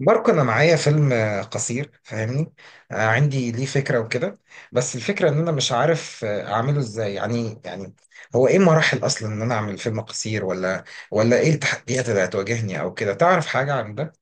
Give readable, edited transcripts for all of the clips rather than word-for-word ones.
ماركو، انا معايا فيلم قصير، فاهمني. عندي ليه فكره وكده. بس الفكره ان انا مش عارف اعمله ازاي يعني هو ايه مراحل اصلا ان انا اعمل فيلم قصير؟ ولا ايه التحديات اللي هتواجهني او كده؟ تعرف حاجه عن ده؟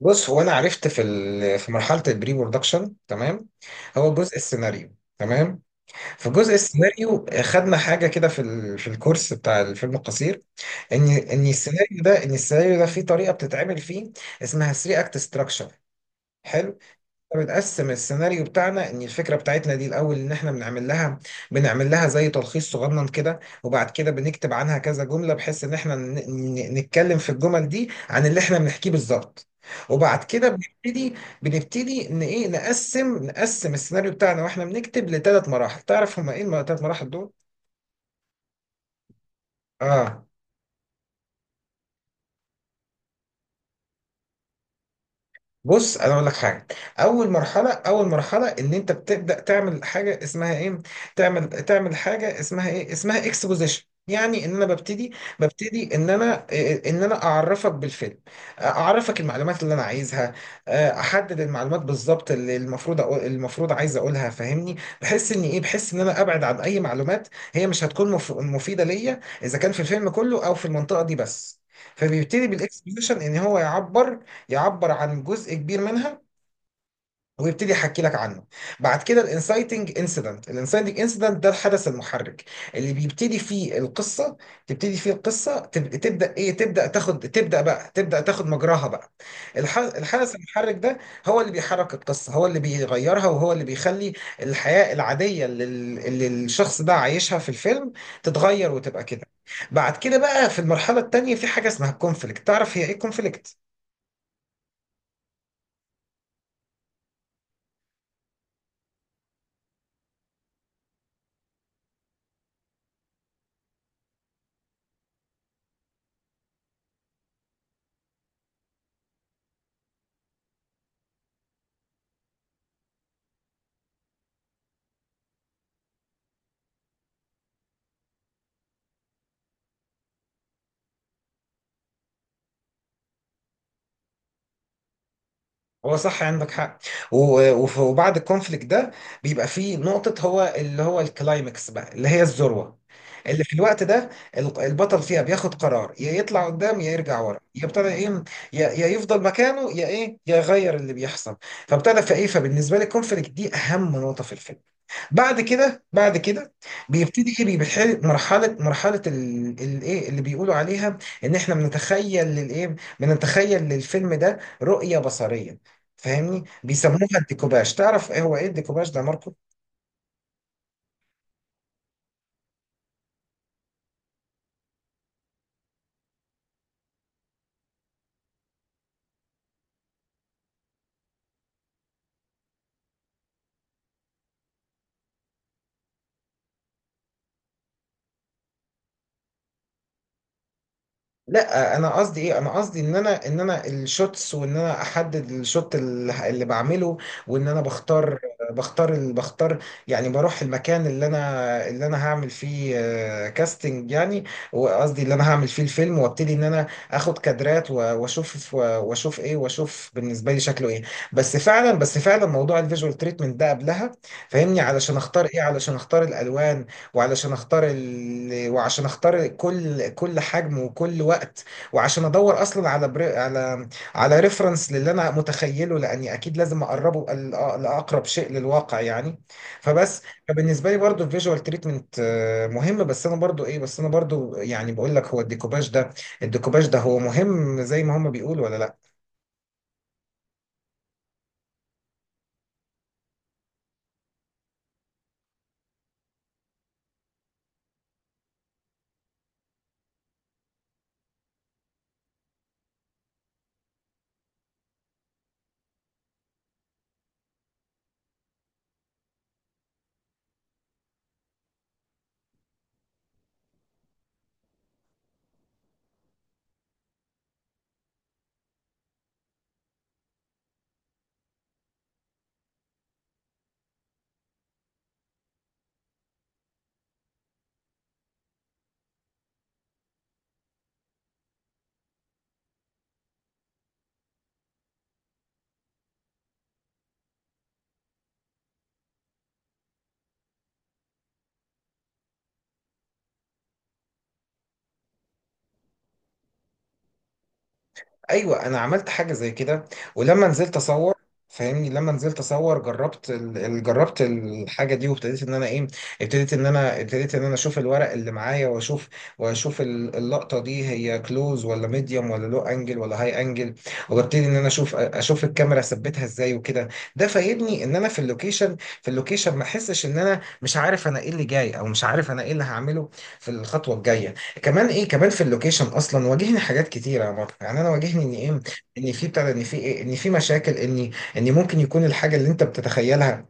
بص، هو انا عرفت في في مرحله البري برودكشن، تمام. هو جزء السيناريو، تمام. في جزء السيناريو خدنا حاجه كده في في الكورس بتاع الفيلم القصير. ان السيناريو ده فيه طريقه بتتعمل فيه، اسمها 3 اكت ستراكشر، حلو. فبنقسم السيناريو بتاعنا، ان الفكره بتاعتنا دي الاول، ان احنا بنعمل لها زي تلخيص صغنن كده. وبعد كده بنكتب عنها كذا جمله، بحيث ان احنا نتكلم في الجمل دي عن اللي احنا بنحكيه بالظبط. وبعد كده بنبتدي، ان ايه، نقسم السيناريو بتاعنا واحنا بنكتب لثلاث مراحل. تعرف هما ايه الثلاث مراحل دول؟ اه. بص، انا اقول لك حاجه. اول مرحله ان انت بتبدا تعمل حاجه اسمها ايه، تعمل حاجه اسمها ايه، اسمها اكسبوزيشن. يعني ان انا ببتدي، ان انا ان انا اعرفك بالفيلم، اعرفك المعلومات اللي انا عايزها. احدد المعلومات بالظبط اللي المفروض أقول، المفروض عايز اقولها، فاهمني. بحس ان ايه، بحس ان انا ابعد عن اي معلومات هي مش هتكون مفيده ليا، اذا كان في الفيلم كله او في المنطقه دي بس. فبيبتدي بالاكسبوزيشن ان هو يعبر، عن جزء كبير منها، ويبتدي يحكي لك عنه. بعد كده الانسايتنج انسيدنت، ده الحدث المحرك اللي بيبتدي فيه القصه، تبتدي فيه القصه، تبدا تاخد مجراها بقى. الحدث المحرك ده هو اللي بيحرك القصه، هو اللي بيغيرها، وهو اللي بيخلي الحياه العاديه اللي، الشخص ده عايشها في الفيلم، تتغير وتبقى كده. بعد كده بقى، في المرحله التانيه، في حاجه اسمها الكونفليكت. تعرف هي ايه الكونفليكت؟ هو صح، عندك حق. وبعد الكونفليكت ده، بيبقى فيه نقطة، هو اللي هو الكلايمكس بقى، اللي هي الذروة، اللي في الوقت ده البطل فيها بياخد قرار. يا يطلع قدام، يا يرجع ورا، يبتدى ايه، يا يفضل مكانه، يا ايه، يا يغير اللي بيحصل. فابتدى فايه، فبالنسبة لي الكونفليكت دي أهم نقطة في الفيلم. بعد كده بيبتدي ايه، بيحل مرحله، الايه اللي بيقولوا عليها، ان احنا بنتخيل للايه، بنتخيل للفيلم ده رؤيه بصريه، فاهمني. بيسموها الديكوباج. تعرف ايه هو، ايه الديكوباج ده يا ماركو؟ لا، انا قصدي ايه، انا قصدي ان انا الشوتس، وان انا احدد الشوت اللي بعمله، وان انا بختار، بختار. يعني بروح المكان اللي انا هعمل فيه كاستنج يعني، وقصدي اللي انا هعمل فيه الفيلم، وابتدي ان انا اخد كادرات، واشوف و- واشوف ايه، واشوف بالنسبه لي شكله ايه. بس فعلا موضوع الفيجوال تريتمنت ده قبلها، فاهمني، علشان اختار ايه، علشان اختار الالوان، وعلشان اختار وعشان اختار كل حجم وكل وقت، وعشان ادور اصلا على على على ريفرنس للي انا متخيله، لاني اكيد لازم اقربه لاقرب شيء للواقع يعني. فبس. فبالنسبه لي برضو الفيجوال تريتمنت مهم. بس انا برضو ايه، بس انا برضو يعني بقول لك هو الديكوباج ده، الديكوباج ده هو مهم زي ما هم بيقولوا ولا لا؟ ايوه، انا عملت حاجه زي كده، ولما نزلت اصور، فاهمني، لما نزلت اصور جربت جربت الحاجه دي، وابتديت ان انا ايه، ابتديت ان انا ابتديت ان انا اشوف الورق اللي معايا، واشوف، واشوف اللقطه دي هي كلوز ولا ميديوم ولا لو انجل ولا هاي انجل، وابتدي ان انا اشوف، الكاميرا اثبتها ازاي وكده. ده فايدني ان انا في اللوكيشن، ما احسش ان انا مش عارف انا ايه اللي جاي، او مش عارف انا ايه اللي هعمله في الخطوه الجايه. كمان ايه، كمان في اللوكيشن اصلا واجهني حاجات كتيره يا مارك. يعني انا واجهني ان ايه، ان في بتاع ده، ان في إيه؟ ان في مشاكل، ان ممكن يكون الحاجه اللي انت بتتخيلها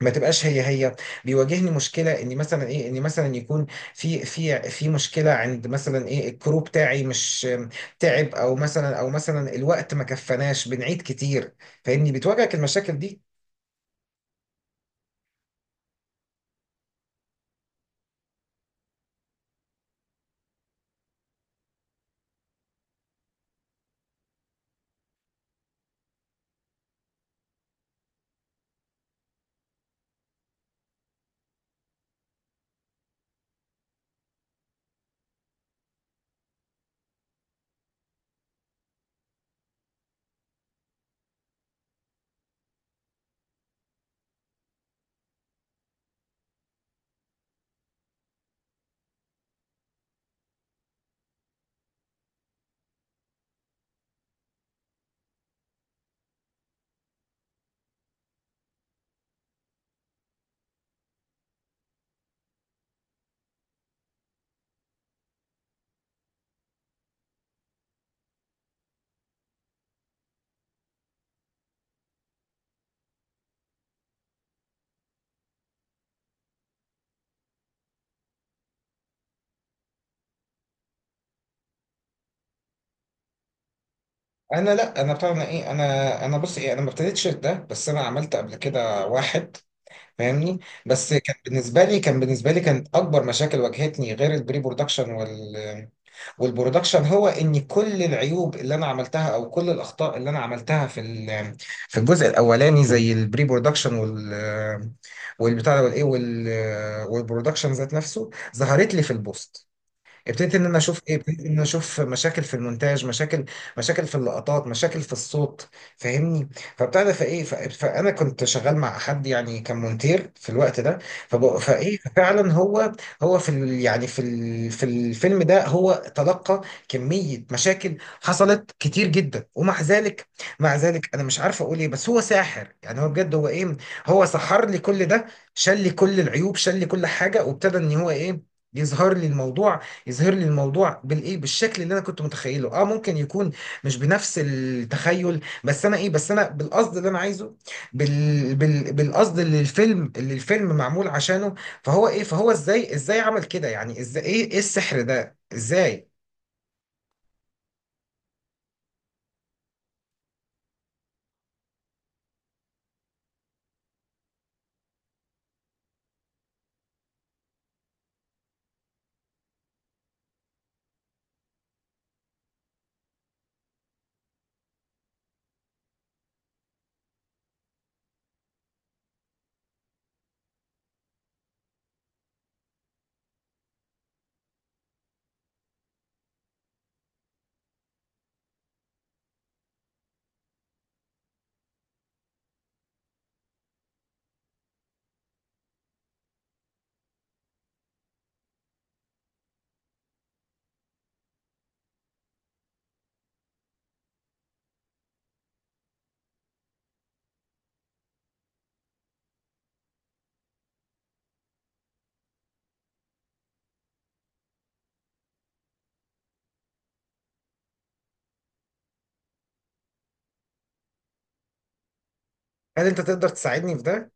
ما تبقاش هي هي. بيواجهني مشكله ان مثلا ايه، ان مثلا يكون في مشكله عند مثلا ايه، الكرو بتاعي مش تعب، او مثلا، الوقت ما كفناش، بنعيد كتير. فاني بتواجهك المشاكل دي. انا لا، انا بتاع، انا ايه، انا بص ايه، انا ما ابتديتش ده، بس انا عملت قبل كده واحد، فاهمني. بس كان بالنسبه لي كانت اكبر مشاكل واجهتني، غير البري برودكشن والبرودكشن، هو ان كل العيوب اللي انا عملتها، او كل الاخطاء اللي انا عملتها في في الجزء الاولاني زي البري برودكشن والبتاع ده والايه والبرودكشن ذات نفسه، ظهرت لي في البوست. ابتديت ان انا اشوف ايه، ابتديت ان انا اشوف مشاكل في المونتاج، مشاكل، في اللقطات، مشاكل في الصوت، فاهمني. فبتاع ده فايه، فانا كنت شغال مع حد يعني، كان مونتير في الوقت ده. فايه، فعلا هو، هو في ال، يعني في الفيلم ده، هو تلقى كمية مشاكل حصلت كتير جدا. ومع ذلك، مع ذلك انا مش عارف اقول ايه، بس هو ساحر يعني، هو بجد هو ايه، هو سحر لي كل ده. شال لي كل العيوب، شال لي كل حاجة، وابتدى ان هو ايه يظهر لي الموضوع، بالايه، بالشكل اللي انا كنت متخيله، اه، ممكن يكون مش بنفس التخيل. بس انا ايه، بس انا بالقصد اللي انا عايزه، بالقصد اللي الفيلم، معمول عشانه. فهو ايه، فهو ازاي، عمل كده يعني؟ ازاي، ايه، السحر ده ازاي؟ هل انت تقدر تساعدني في ده؟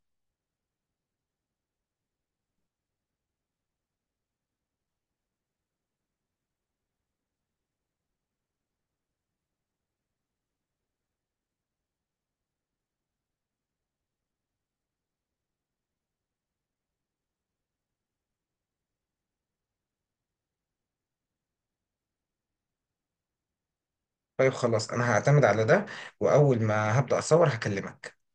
طيب خلاص، انا هعتمد على ده، واول ما هبدأ اصور هكلمك.